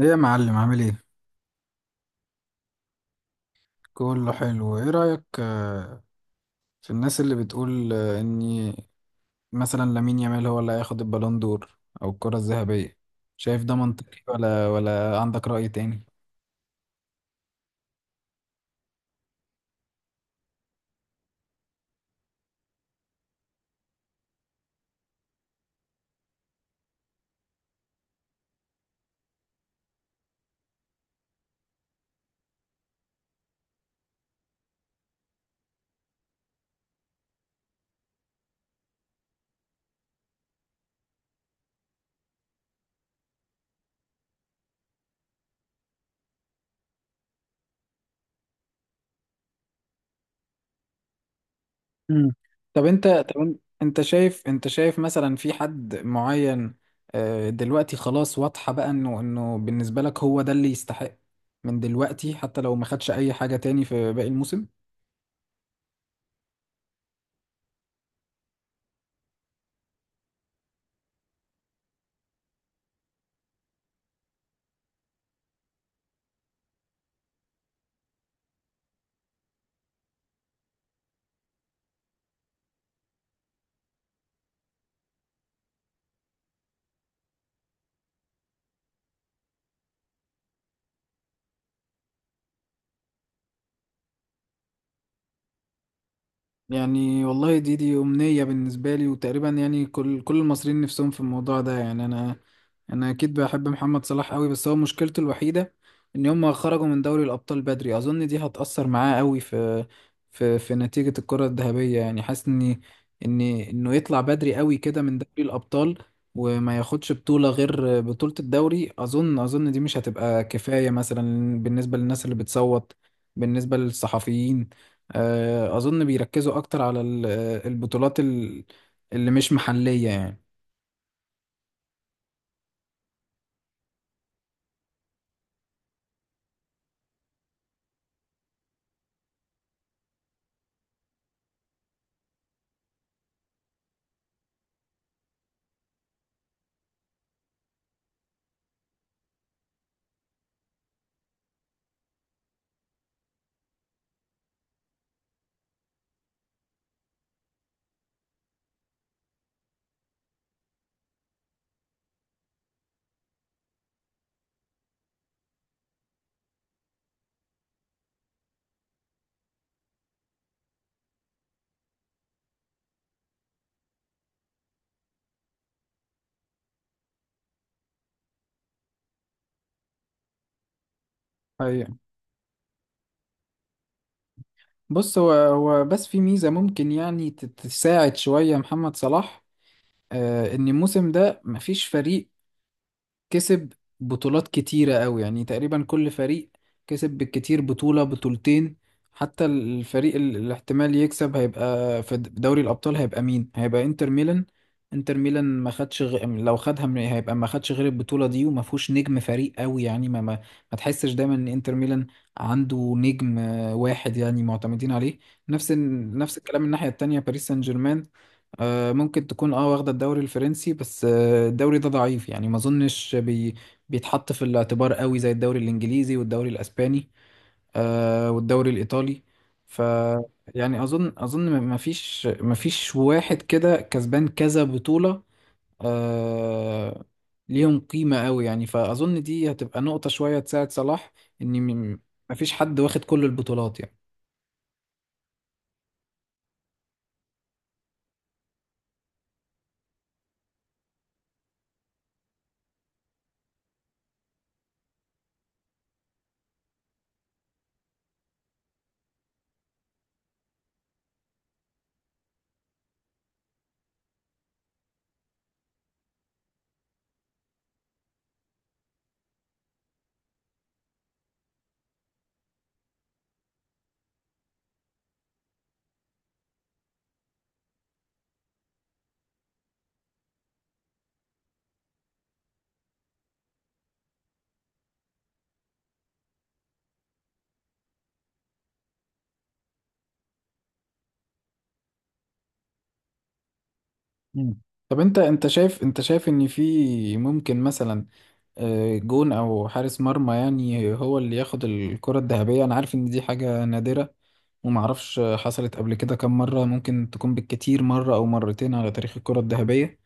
ايه يا معلم، عامل ايه؟ كله حلو. ايه رأيك في الناس اللي بتقول ان مثلا لامين يامال هو اللي هياخد البالون دور او الكرة الذهبية؟ شايف ده منطقي ولا عندك رأي تاني؟ مم. طب انت شايف مثلا في حد معين دلوقتي خلاص واضحة بقى انه بالنسبة لك هو ده اللي يستحق من دلوقتي، حتى لو ما خدش اي حاجة تاني في باقي الموسم؟ يعني والله، دي أمنية بالنسبة لي، وتقريبا يعني كل المصريين نفسهم في الموضوع ده. يعني أنا أكيد بحب محمد صلاح قوي، بس هو مشكلته الوحيدة إن هم خرجوا من دوري الأبطال بدري. أظن دي هتأثر معاه قوي في نتيجة الكرة الذهبية. يعني حاسس إن إن إنه يطلع بدري قوي كده من دوري الأبطال وما ياخدش بطولة غير بطولة الدوري. أظن دي مش هتبقى كفاية مثلا بالنسبة للناس اللي بتصوت، بالنسبة للصحفيين. أظن بيركزوا أكتر على البطولات اللي مش محلية يعني. أيوة. بص، هو بس في ميزة ممكن يعني تساعد شوية محمد صلاح. إن الموسم ده مفيش فريق كسب بطولات كتيرة قوي. يعني تقريبا كل فريق كسب بالكتير بطولة بطولتين. حتى الفريق الاحتمال يكسب هيبقى في دوري الأبطال هيبقى مين؟ هيبقى انتر ميلان. انتر ميلان ما خدش غ... لو خدها من... هيبقى ما خدش غير البطولة دي، وما فيهوش نجم فريق قوي يعني ما تحسش دايما ان انتر ميلان عنده نجم واحد يعني معتمدين عليه. نفس نفس الكلام الناحية التانية، باريس سان جيرمان ممكن تكون واخدة الدوري الفرنسي، بس الدوري ده ضعيف يعني ما اظنش بيتحط في الاعتبار قوي زي الدوري الانجليزي والدوري الاسباني والدوري الايطالي. ف يعني اظن ما فيش واحد كده كسبان كذا بطولة آه، ليهم قيمة قوي. يعني فاظن دي هتبقى نقطة شوية تساعد صلاح ان م- ما فيش حد واخد كل البطولات يعني. مم. طب انت شايف ان في ممكن مثلا جون او حارس مرمى يعني هو اللي ياخد الكرة الذهبية. انا عارف ان دي حاجة نادرة ومعرفش حصلت قبل كده كم مرة، ممكن تكون بالكتير مرة او مرتين على تاريخ الكرة الذهبية.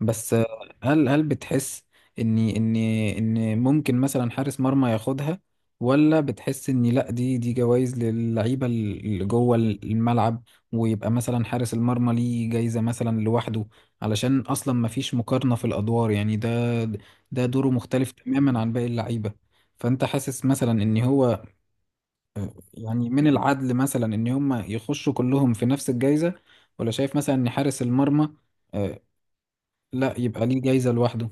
بس هل بتحس ان ممكن مثلا حارس مرمى ياخدها، ولا بتحس ان لا، دي جوائز للعيبه اللي جوه الملعب، ويبقى مثلا حارس المرمى ليه جايزه مثلا لوحده، علشان اصلا ما فيش مقارنه في الادوار يعني؟ ده دوره مختلف تماما عن باقي اللعيبه. فانت حاسس مثلا ان هو يعني من العدل مثلا ان هم يخشوا كلهم في نفس الجايزه، ولا شايف مثلا ان حارس المرمى آه، لا يبقى ليه جايزه لوحده؟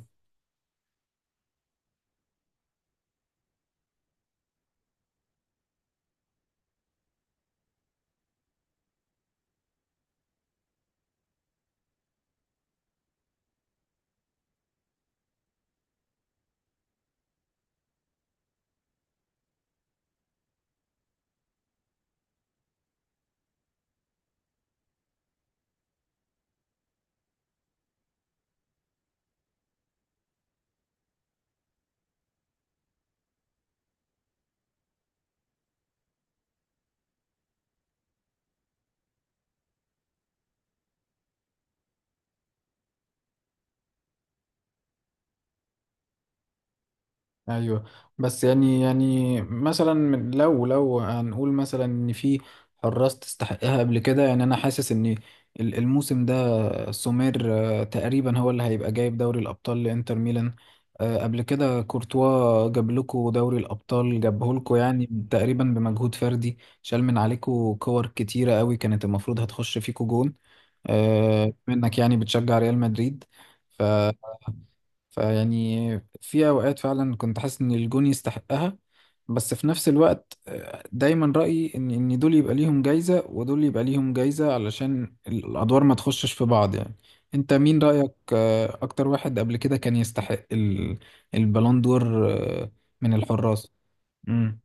ايوه. بس يعني مثلا لو هنقول مثلا ان في حراس تستحقها قبل كده. يعني انا حاسس ان الموسم ده سومير تقريبا هو اللي هيبقى جايب دوري الابطال لانتر ميلان. قبل كده كورتوا جاب لكم دوري الابطال، جابه لكم يعني تقريبا بمجهود فردي. شال من عليكم كور كتيره قوي كانت المفروض هتخش فيكم جون منك، يعني بتشجع ريال مدريد. ف فيعني في أوقات فعلا كنت حاسس إن الجون يستحقها، بس في نفس الوقت دايما رأيي إن دول يبقى ليهم جايزة ودول يبقى ليهم جايزة علشان الأدوار ما تخشش في بعض يعني. أنت مين رأيك أكتر واحد قبل كده كان يستحق البالون دور من الحراس؟ مم.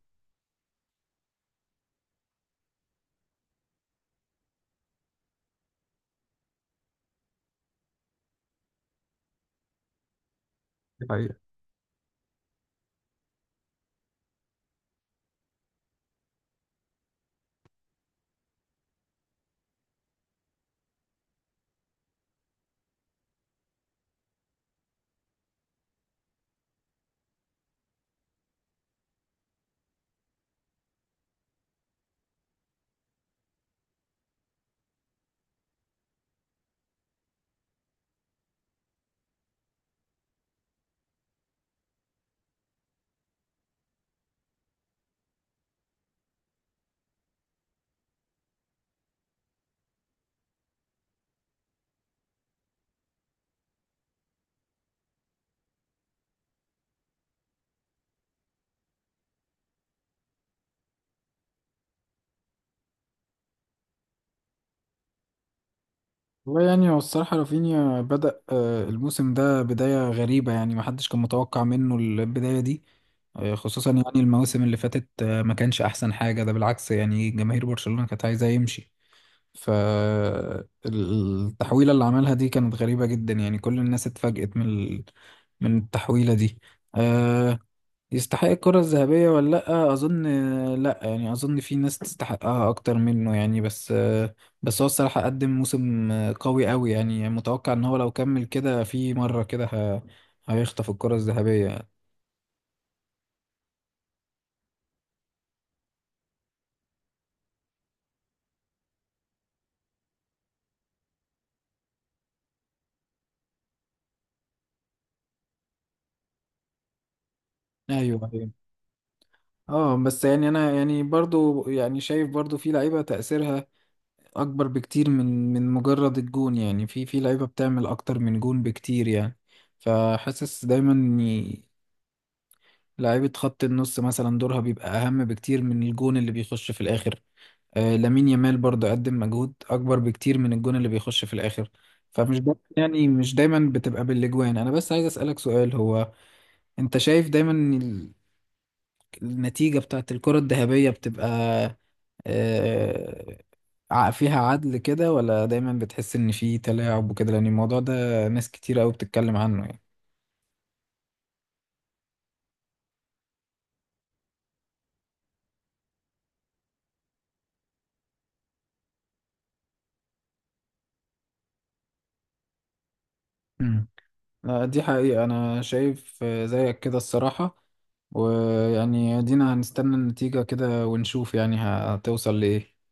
والله يعني هو الصراحة رافينيا بدأ الموسم ده بداية غريبة. يعني محدش كان متوقع منه البداية دي خصوصا يعني المواسم اللي فاتت ما كانش أحسن حاجة، ده بالعكس يعني جماهير برشلونة كانت عايزة يمشي. فالتحويلة اللي عملها دي كانت غريبة جدا، يعني كل الناس اتفاجئت من من التحويلة دي. آه، يستحق الكرة الذهبية ولا لأ؟ أظن لأ. يعني أظن في ناس تستحقها أكتر منه يعني، بس هو الصراحة قدم موسم قوي أوي، يعني متوقع إن هو لو كمل كده في مرة كده هيخطف الكرة الذهبية. أيوه أيوه. اه بس يعني أنا يعني برضو يعني شايف برضو في لعيبة تأثيرها أكبر بكتير من مجرد الجون يعني. في لعيبة بتعمل أكتر من جون بكتير يعني، فحاسس دايما لعيبة خط النص مثلا دورها بيبقى أهم بكتير من الجون اللي بيخش في الآخر. لامين يامال برضه قدم مجهود أكبر بكتير من الجون اللي بيخش في الآخر. فمش دايما يعني مش دايما بتبقى بالأجوان. أنا بس عايز أسألك سؤال: هو أنت شايف دايما النتيجة بتاعت الكرة الذهبية بتبقى آه فيها عدل كده، ولا دايما بتحس إن في تلاعب وكده، لأن الموضوع ده ناس كتير أوي بتتكلم عنه؟ يعني لا، دي حقيقة. أنا شايف زيك كده الصراحة. ويعني دينا هنستنى النتيجة كده ونشوف يعني هتوصل لإيه.